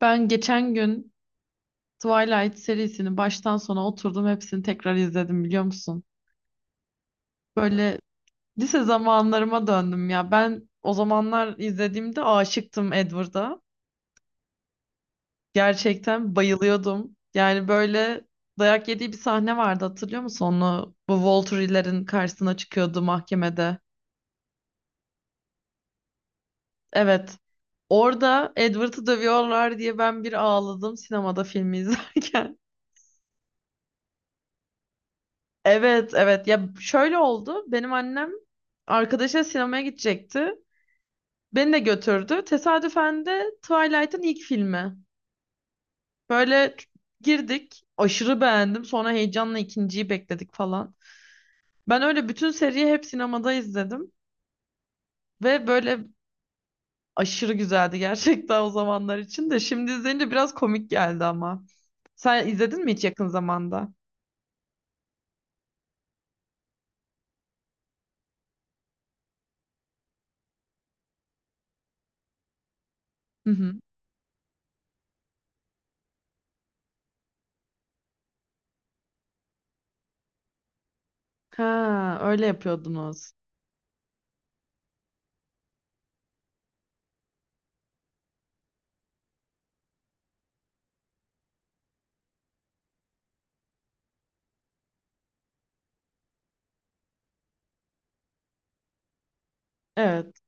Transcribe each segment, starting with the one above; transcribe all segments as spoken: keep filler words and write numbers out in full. Ben geçen gün Twilight serisini baştan sona oturdum hepsini tekrar izledim biliyor musun? Böyle lise zamanlarıma döndüm ya. Ben o zamanlar izlediğimde aşıktım Edward'a. Gerçekten bayılıyordum. Yani böyle dayak yediği bir sahne vardı hatırlıyor musun? Onu bu Volturi'lerin karşısına çıkıyordu mahkemede. Evet. Orada Edward'ı dövüyorlar diye ben bir ağladım sinemada filmi izlerken. Evet, evet, ya şöyle oldu benim annem arkadaşıyla sinemaya gidecekti beni de götürdü tesadüfen de Twilight'ın ilk filmi böyle girdik aşırı beğendim sonra heyecanla ikinciyi bekledik falan ben öyle bütün seriyi hep sinemada izledim ve böyle aşırı güzeldi gerçekten o zamanlar için de şimdi izleyince biraz komik geldi ama sen izledin mi hiç yakın zamanda? Hı hı. Ha öyle yapıyordunuz. Evet.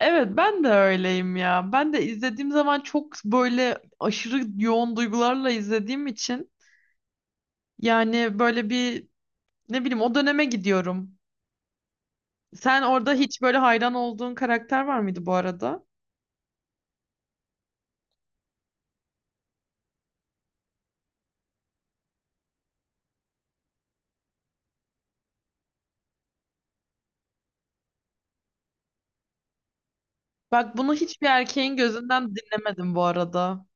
Evet ben de öyleyim ya. Ben de izlediğim zaman çok böyle aşırı yoğun duygularla izlediğim için yani böyle bir ne bileyim o döneme gidiyorum. Sen orada hiç böyle hayran olduğun karakter var mıydı bu arada? Bak bunu hiçbir erkeğin gözünden dinlemedim bu arada.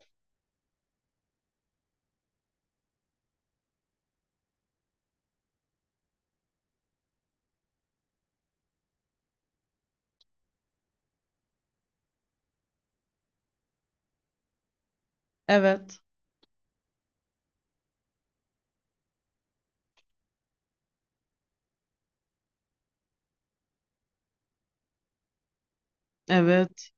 Evet. Evet.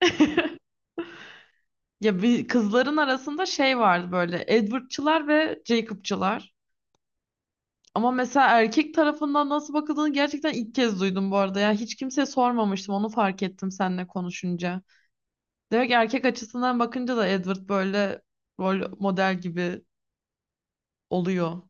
Ya bir kızların arasında şey vardı böyle Edward'çılar ve Jacob'çılar. Ama mesela erkek tarafından nasıl bakıldığını gerçekten ilk kez duydum bu arada. Ya hiç kimseye sormamıştım. Onu fark ettim seninle konuşunca. Demek ki erkek açısından bakınca da Edward böyle rol model gibi oluyor.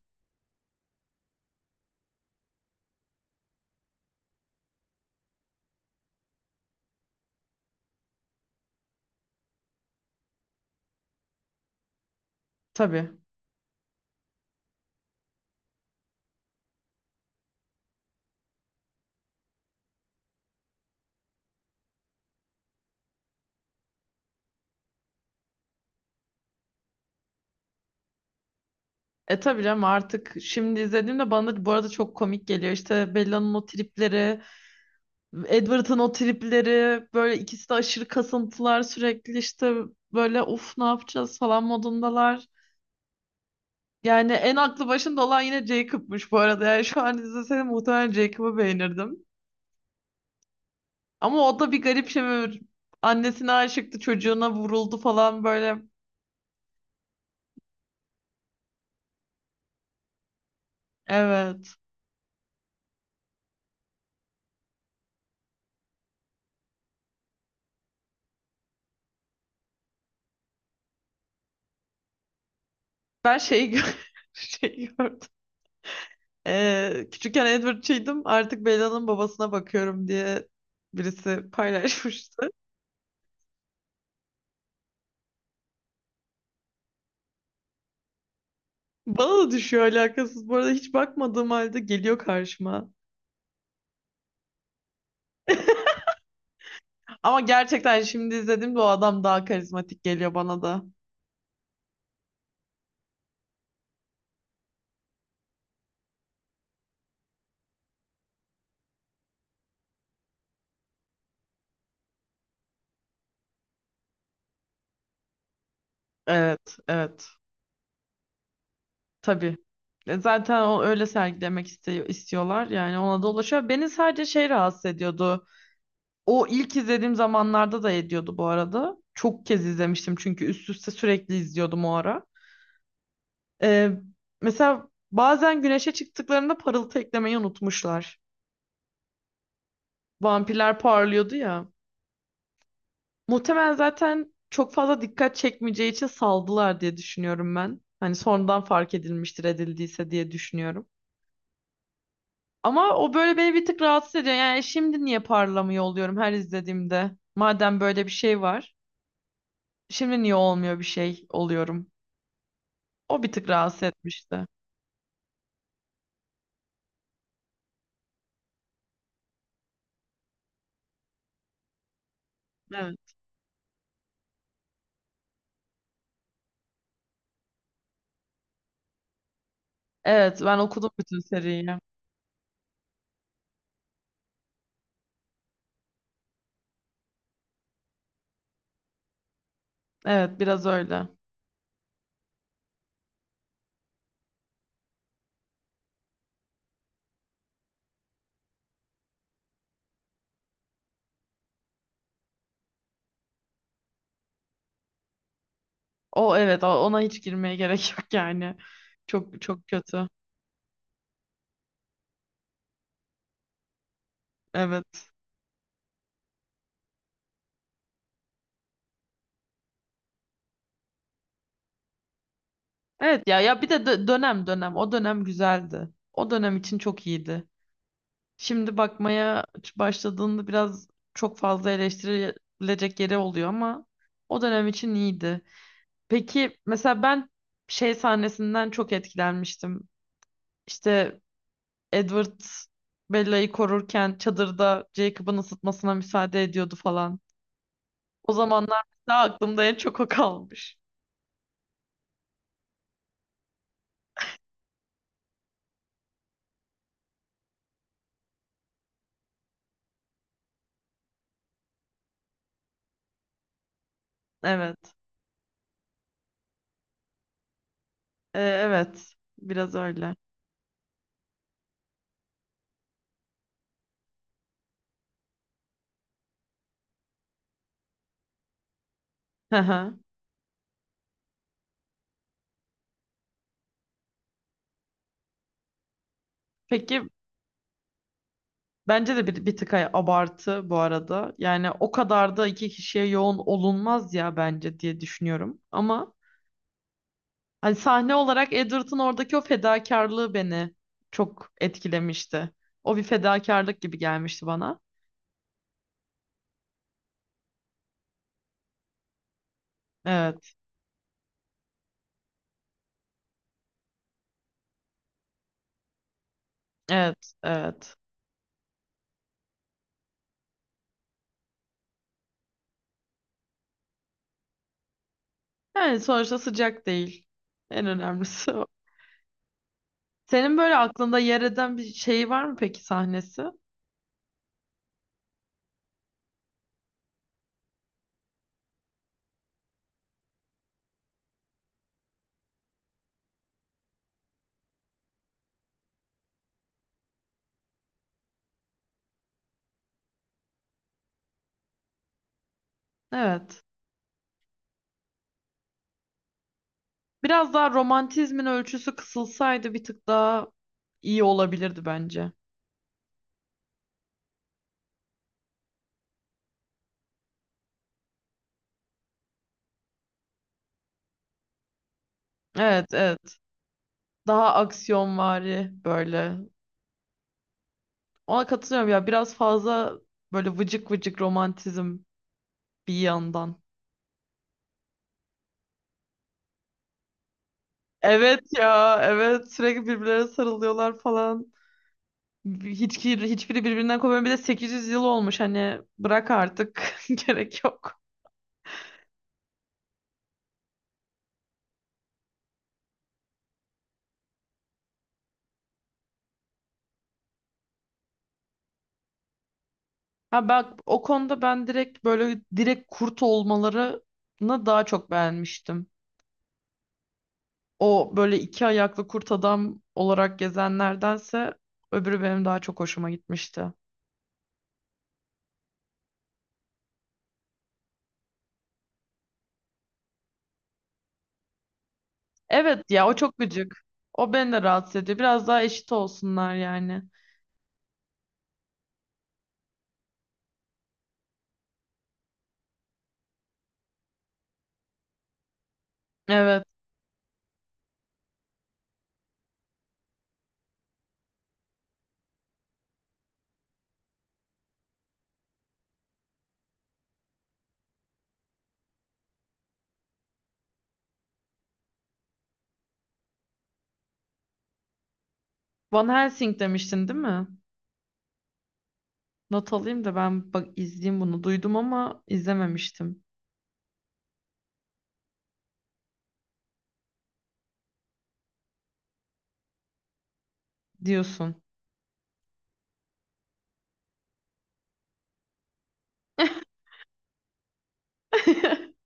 Tabii. E tabii canım artık şimdi izlediğimde bana da bu arada çok komik geliyor. İşte Bella'nın o tripleri Edward'ın o tripleri böyle ikisi de aşırı kasıntılar sürekli işte böyle uf ne yapacağız falan modundalar. Yani en aklı başında olan yine Jacob'muş bu arada. Yani şu an izleseydim muhtemelen Jacob'ı beğenirdim. Ama o da bir garip şey, böyle annesine aşıktı çocuğuna vuruldu falan böyle. Evet. Ben şeyi, gö şeyi gördüm. Ee, küçükken Edward'çıydım artık Bella'nın babasına bakıyorum diye birisi paylaşmış. Bana da düşüyor alakasız. Bu arada hiç bakmadığım halde geliyor karşıma. Ama gerçekten şimdi izlediğimde o adam daha karizmatik geliyor bana da. Evet, evet. Tabii. E, Zaten o öyle sergilemek istiyor, istiyorlar. Yani ona da ulaşıyor. Beni sadece şey rahatsız ediyordu. O ilk izlediğim zamanlarda da ediyordu bu arada. Çok kez izlemiştim çünkü üst üste sürekli izliyordum o ara. E, Mesela bazen güneşe çıktıklarında parıltı eklemeyi unutmuşlar. Vampirler parlıyordu ya. Muhtemelen zaten çok fazla dikkat çekmeyeceği için saldılar diye düşünüyorum ben. Hani sonradan fark edilmiştir edildiyse diye düşünüyorum. Ama o böyle beni bir tık rahatsız ediyor. Yani şimdi niye parlamıyor oluyorum her izlediğimde? Madem böyle bir şey var. Şimdi niye olmuyor bir şey oluyorum? O bir tık rahatsız etmişti. Evet. Evet ben okudum bütün seriyi. Evet biraz öyle. O evet o- ona hiç girmeye gerek yok yani. Çok çok kötü. Evet. Evet ya ya bir de dö- dönem dönem o dönem güzeldi. O dönem için çok iyiydi. Şimdi bakmaya başladığında biraz çok fazla eleştirilecek yeri oluyor ama o dönem için iyiydi. Peki mesela ben şey sahnesinden çok etkilenmiştim. İşte Edward Bella'yı korurken çadırda Jacob'ın ısıtmasına müsaade ediyordu falan. O zamanlar daha aklımda en çok o kalmış. Evet. Ee, evet. Biraz öyle. Hı hı. Peki bence de bir, bir tık ay- abartı bu arada. Yani o kadar da iki kişiye yoğun olunmaz ya bence diye düşünüyorum. Ama hani sahne olarak Edward'ın oradaki o fedakarlığı beni çok etkilemişti. O bir fedakarlık gibi gelmişti bana. Evet, evet, evet. Yani sonuçta sıcak değil. En önemlisi o. Senin böyle aklında yer eden bir şey var mı peki sahnesi? Evet. Biraz daha romantizmin ölçüsü kısılsaydı bir tık daha iyi olabilirdi bence. Evet, evet. Daha aksiyonvari böyle. Ona katılıyorum ya biraz fazla böyle vıcık vıcık romantizm bir yandan. Evet ya evet sürekli birbirlerine sarılıyorlar falan. Hiç, hiçbiri birbirinden kopmuyor. Bir de sekiz yüz yıl olmuş hani bırak artık gerek yok. Ha bak o konuda ben direkt böyle direkt kurt olmalarını daha çok beğenmiştim. O böyle iki ayaklı kurt adam olarak gezenlerdense öbürü benim daha çok hoşuma gitmişti. Evet ya o çok gıcık. O beni de rahatsız ediyor. Biraz daha eşit olsunlar yani. Evet. Van Helsing demiştin değil mi? Not alayım da ben bak izleyeyim bunu. Duydum ama izlememiştim diyorsun.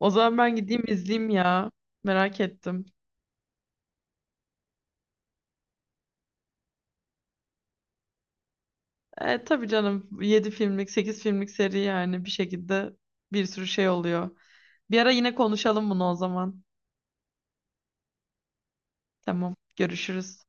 O zaman ben gideyim izleyeyim ya. Merak ettim. E, tabii canım yedi filmlik sekiz filmlik seri yani bir şekilde bir sürü şey oluyor. Bir ara yine konuşalım bunu o zaman. Tamam görüşürüz.